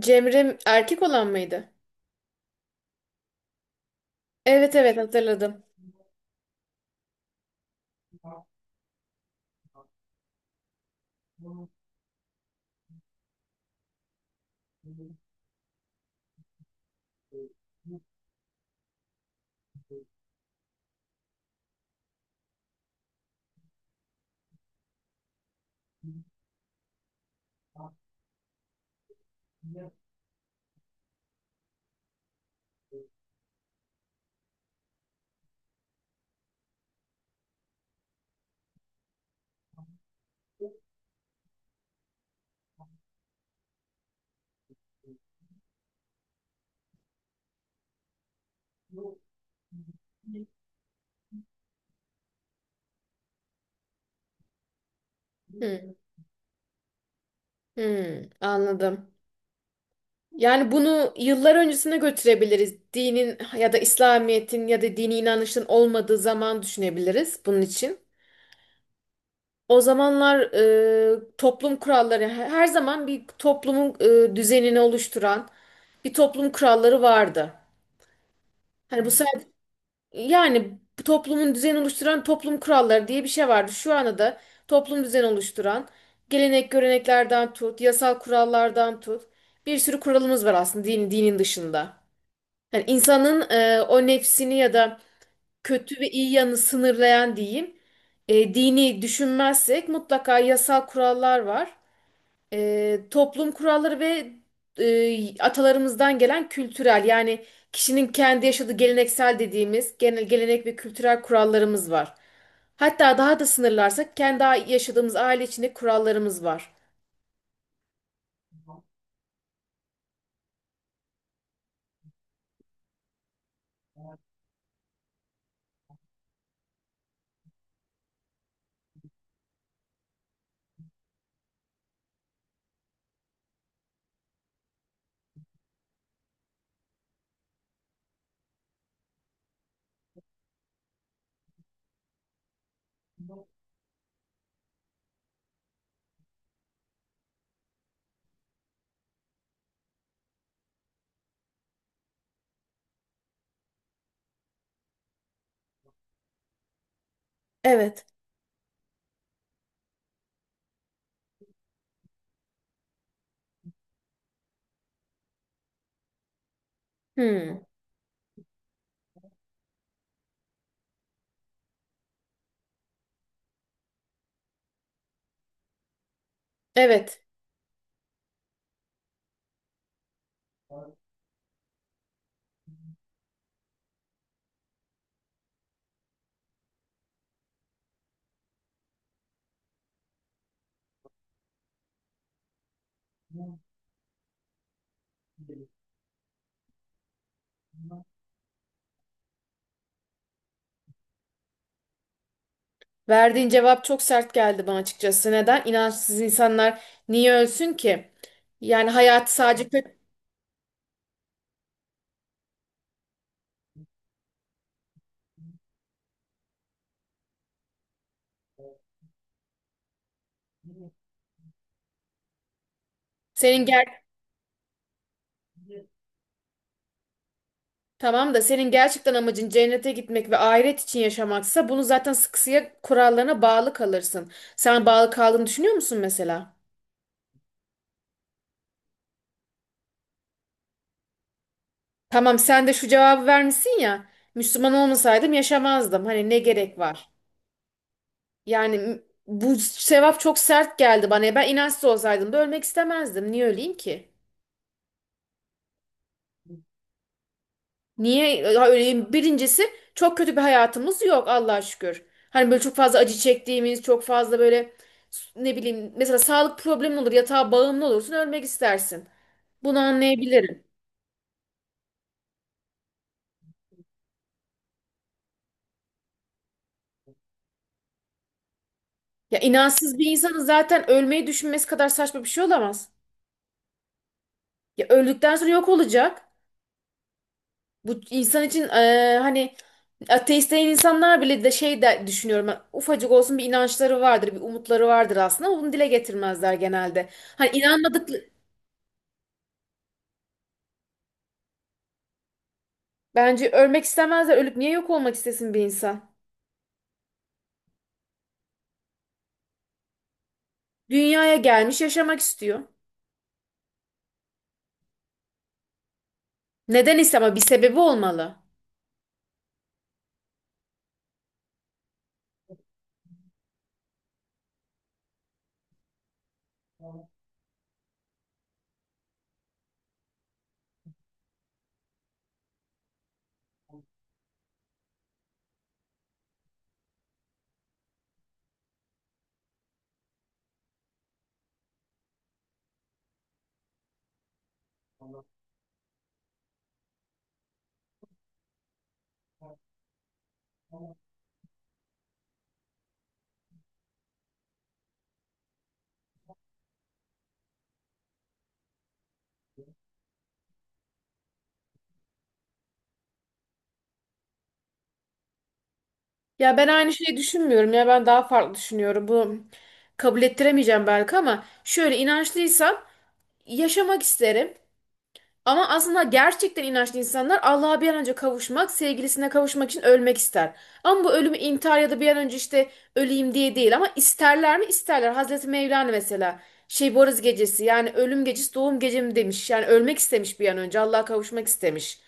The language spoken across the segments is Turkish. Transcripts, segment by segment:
Cemre erkek olan mıydı? Evet evet, hatırladım. Hı, hı, anladım. Yani bunu yıllar öncesine götürebiliriz. Dinin ya da İslamiyet'in ya da dini inanışın olmadığı zaman düşünebiliriz bunun için. O zamanlar toplum kuralları her zaman bir toplumun düzenini oluşturan bir toplum kuralları vardı. Hani bu Yani bu toplumun düzen oluşturan toplum kuralları diye bir şey vardı. Şu anda da toplum düzen oluşturan gelenek göreneklerden tut, yasal kurallardan tut. Bir sürü kuralımız var aslında dinin dışında. Yani insanın o nefsini ya da kötü ve iyi yanını sınırlayan diyeyim, dini düşünmezsek mutlaka yasal kurallar var, toplum kuralları ve atalarımızdan gelen kültürel, yani kişinin kendi yaşadığı geleneksel dediğimiz genel gelenek ve kültürel kurallarımız var. Hatta daha da sınırlarsak kendi yaşadığımız aile içinde kurallarımız var. Evet. Hmm, evet. Verdiğin cevap çok sert geldi bana açıkçası. Neden? İnançsız insanlar niye ölsün ki? Yani hayatı sadece kö- senin ger Tamam da senin gerçekten amacın cennete gitmek ve ahiret için yaşamaksa bunu zaten sıkısıya kurallarına bağlı kalırsın. Sen bağlı kaldığını düşünüyor musun mesela? Tamam, sen de şu cevabı vermişsin ya. Müslüman olmasaydım yaşamazdım. Hani ne gerek var? Yani m- Bu sevap çok sert geldi bana. Ben inançsız olsaydım da ölmek istemezdim. Niye öleyim ki? Niye? Birincisi, çok kötü bir hayatımız yok Allah'a şükür. Hani böyle çok fazla acı çektiğimiz, çok fazla böyle ne bileyim, mesela sağlık problemi olur, yatağa bağımlı olursun, ölmek istersin. Bunu anlayabilirim. Ya, inançsız bir insanın zaten ölmeyi düşünmesi kadar saçma bir şey olamaz. Ya öldükten sonra yok olacak. Bu insan için hani ateist değil insanlar bile de şey de düşünüyorum. Ufacık olsun bir inançları vardır, bir umutları vardır aslında, ama bunu dile getirmezler genelde. Hani inanmadık Bence ölmek istemezler. Ölüp niye yok olmak istesin bir insan? Dünyaya gelmiş, yaşamak istiyor. Neden ise ama bir sebebi olmalı. Ya ben aynı şeyi düşünmüyorum, ya ben daha farklı düşünüyorum. Bu kabul ettiremeyeceğim belki, ama şöyle: inançlıysam yaşamak isterim. Ama aslında gerçekten inançlı insanlar Allah'a bir an önce kavuşmak, sevgilisine kavuşmak için ölmek ister. Ama bu ölümü intihar ya da bir an önce işte öleyim diye değil, ama isterler mi? İsterler. Hazreti Mevlana mesela şey, Boris gecesi, yani ölüm gecesi doğum gecem demiş. Yani ölmek istemiş, bir an önce Allah'a kavuşmak istemiş.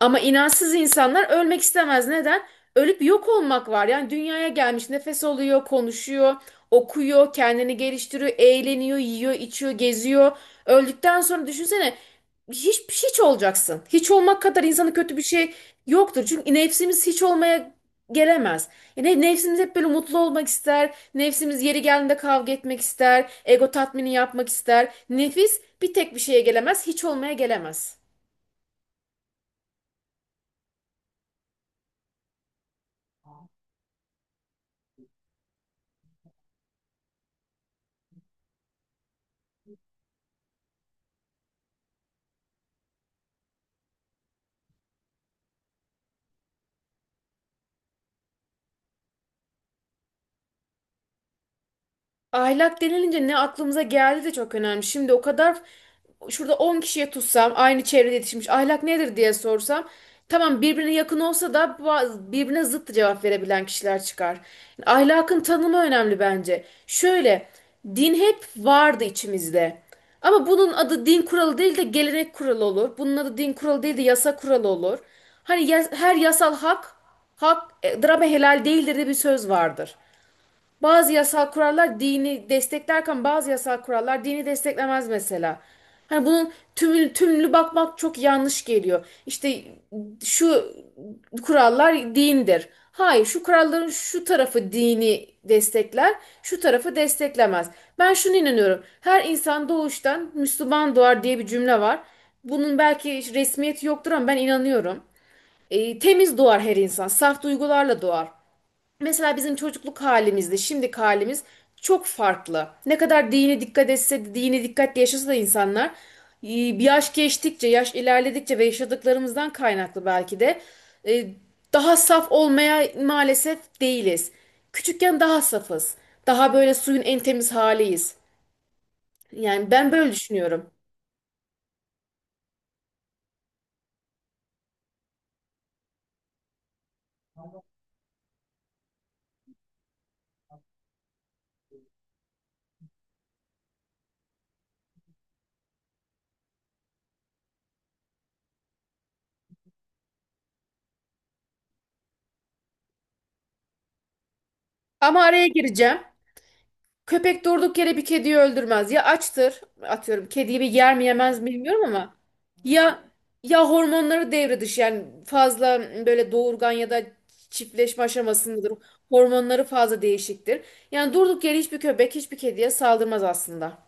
Ama inansız insanlar ölmek istemez. Neden? Ölüp yok olmak var. Yani dünyaya gelmiş, nefes alıyor, konuşuyor, okuyor, kendini geliştiriyor, eğleniyor, yiyor, içiyor, geziyor. Öldükten sonra düşünsene, hiç hiç olacaksın. Hiç olmak kadar insanın kötü bir şey yoktur. Çünkü nefsimiz hiç olmaya gelemez. Yani nefsimiz hep böyle mutlu olmak ister. Nefsimiz yeri geldiğinde kavga etmek ister. Ego tatmini yapmak ister. Nefis bir tek bir şeye gelemez, hiç olmaya gelemez. Ahlak denilince ne aklımıza geldi de çok önemli. Şimdi o kadar, şurada 10 kişiye tutsam, aynı çevrede yetişmiş, ahlak nedir diye sorsam, tamam, birbirine yakın olsa da birbirine zıt cevap verebilen kişiler çıkar. Ahlakın tanımı önemli bence. Şöyle, din hep vardı içimizde. Ama bunun adı din kuralı değil de gelenek kuralı olur. Bunun adı din kuralı değil de yasa kuralı olur. Hani her yasal hak, drama helal değildir de bir söz vardır. Bazı yasal kurallar dini desteklerken bazı yasal kurallar dini desteklemez mesela. Hani bunun tümlü bakmak çok yanlış geliyor. İşte şu kurallar dindir. Hayır, şu kuralların şu tarafı dini destekler, şu tarafı desteklemez. Ben şunu inanıyorum. Her insan doğuştan Müslüman doğar diye bir cümle var. Bunun belki resmiyeti yoktur ama ben inanıyorum. Temiz doğar her insan, saf duygularla doğar. Mesela bizim çocukluk halimizle şimdiki halimiz çok farklı. Ne kadar dini dikkat etse de, dini dikkatle yaşasa da insanlar bir yaş geçtikçe, yaş ilerledikçe ve yaşadıklarımızdan kaynaklı belki de e, daha saf olmaya maalesef değiliz. Küçükken daha safız. Daha böyle suyun en temiz haliyiz. Yani ben böyle düşünüyorum. Ama araya gireceğim. Köpek durduk yere bir kediyi öldürmez. Ya açtır, atıyorum, kediyi bir yer mi yemez mi bilmiyorum, ama ya hormonları devre dışı, yani fazla böyle doğurgan ya da çiftleşme aşamasındadır. Hormonları fazla değişiktir. Yani durduk yere hiçbir köpek hiçbir kediye saldırmaz aslında.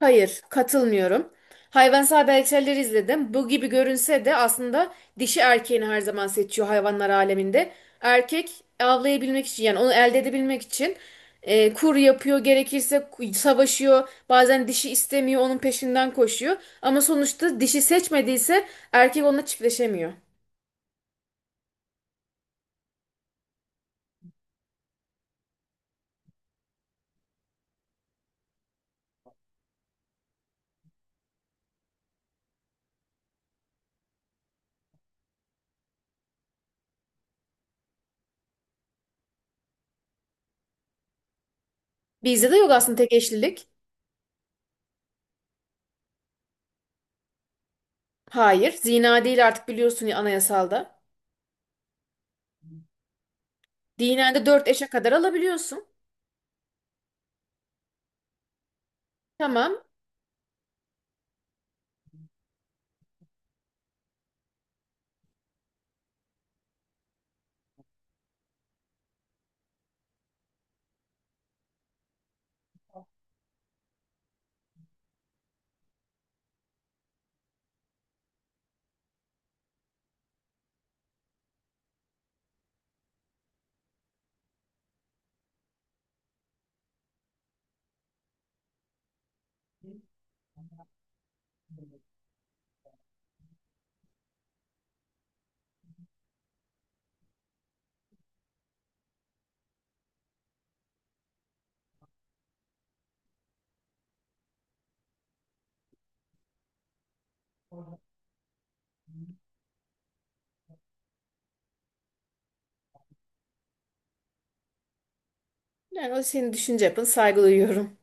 Hayır, katılmıyorum. Hayvansal belgeselleri izledim. Bu gibi görünse de aslında dişi erkeğini her zaman seçiyor hayvanlar aleminde. Erkek, avlayabilmek için, yani onu elde edebilmek için kur yapıyor, gerekirse savaşıyor. Bazen dişi istemiyor, onun peşinden koşuyor. Ama sonuçta dişi seçmediyse erkek onunla çiftleşemiyor. Bizde de yok aslında tek eşlilik. Hayır, zina değil artık, biliyorsun ya, anayasalda. Dinen de 4 eşe kadar alabiliyorsun. Tamam. Yani o senin düşünce yapın, saygı duyuyorum.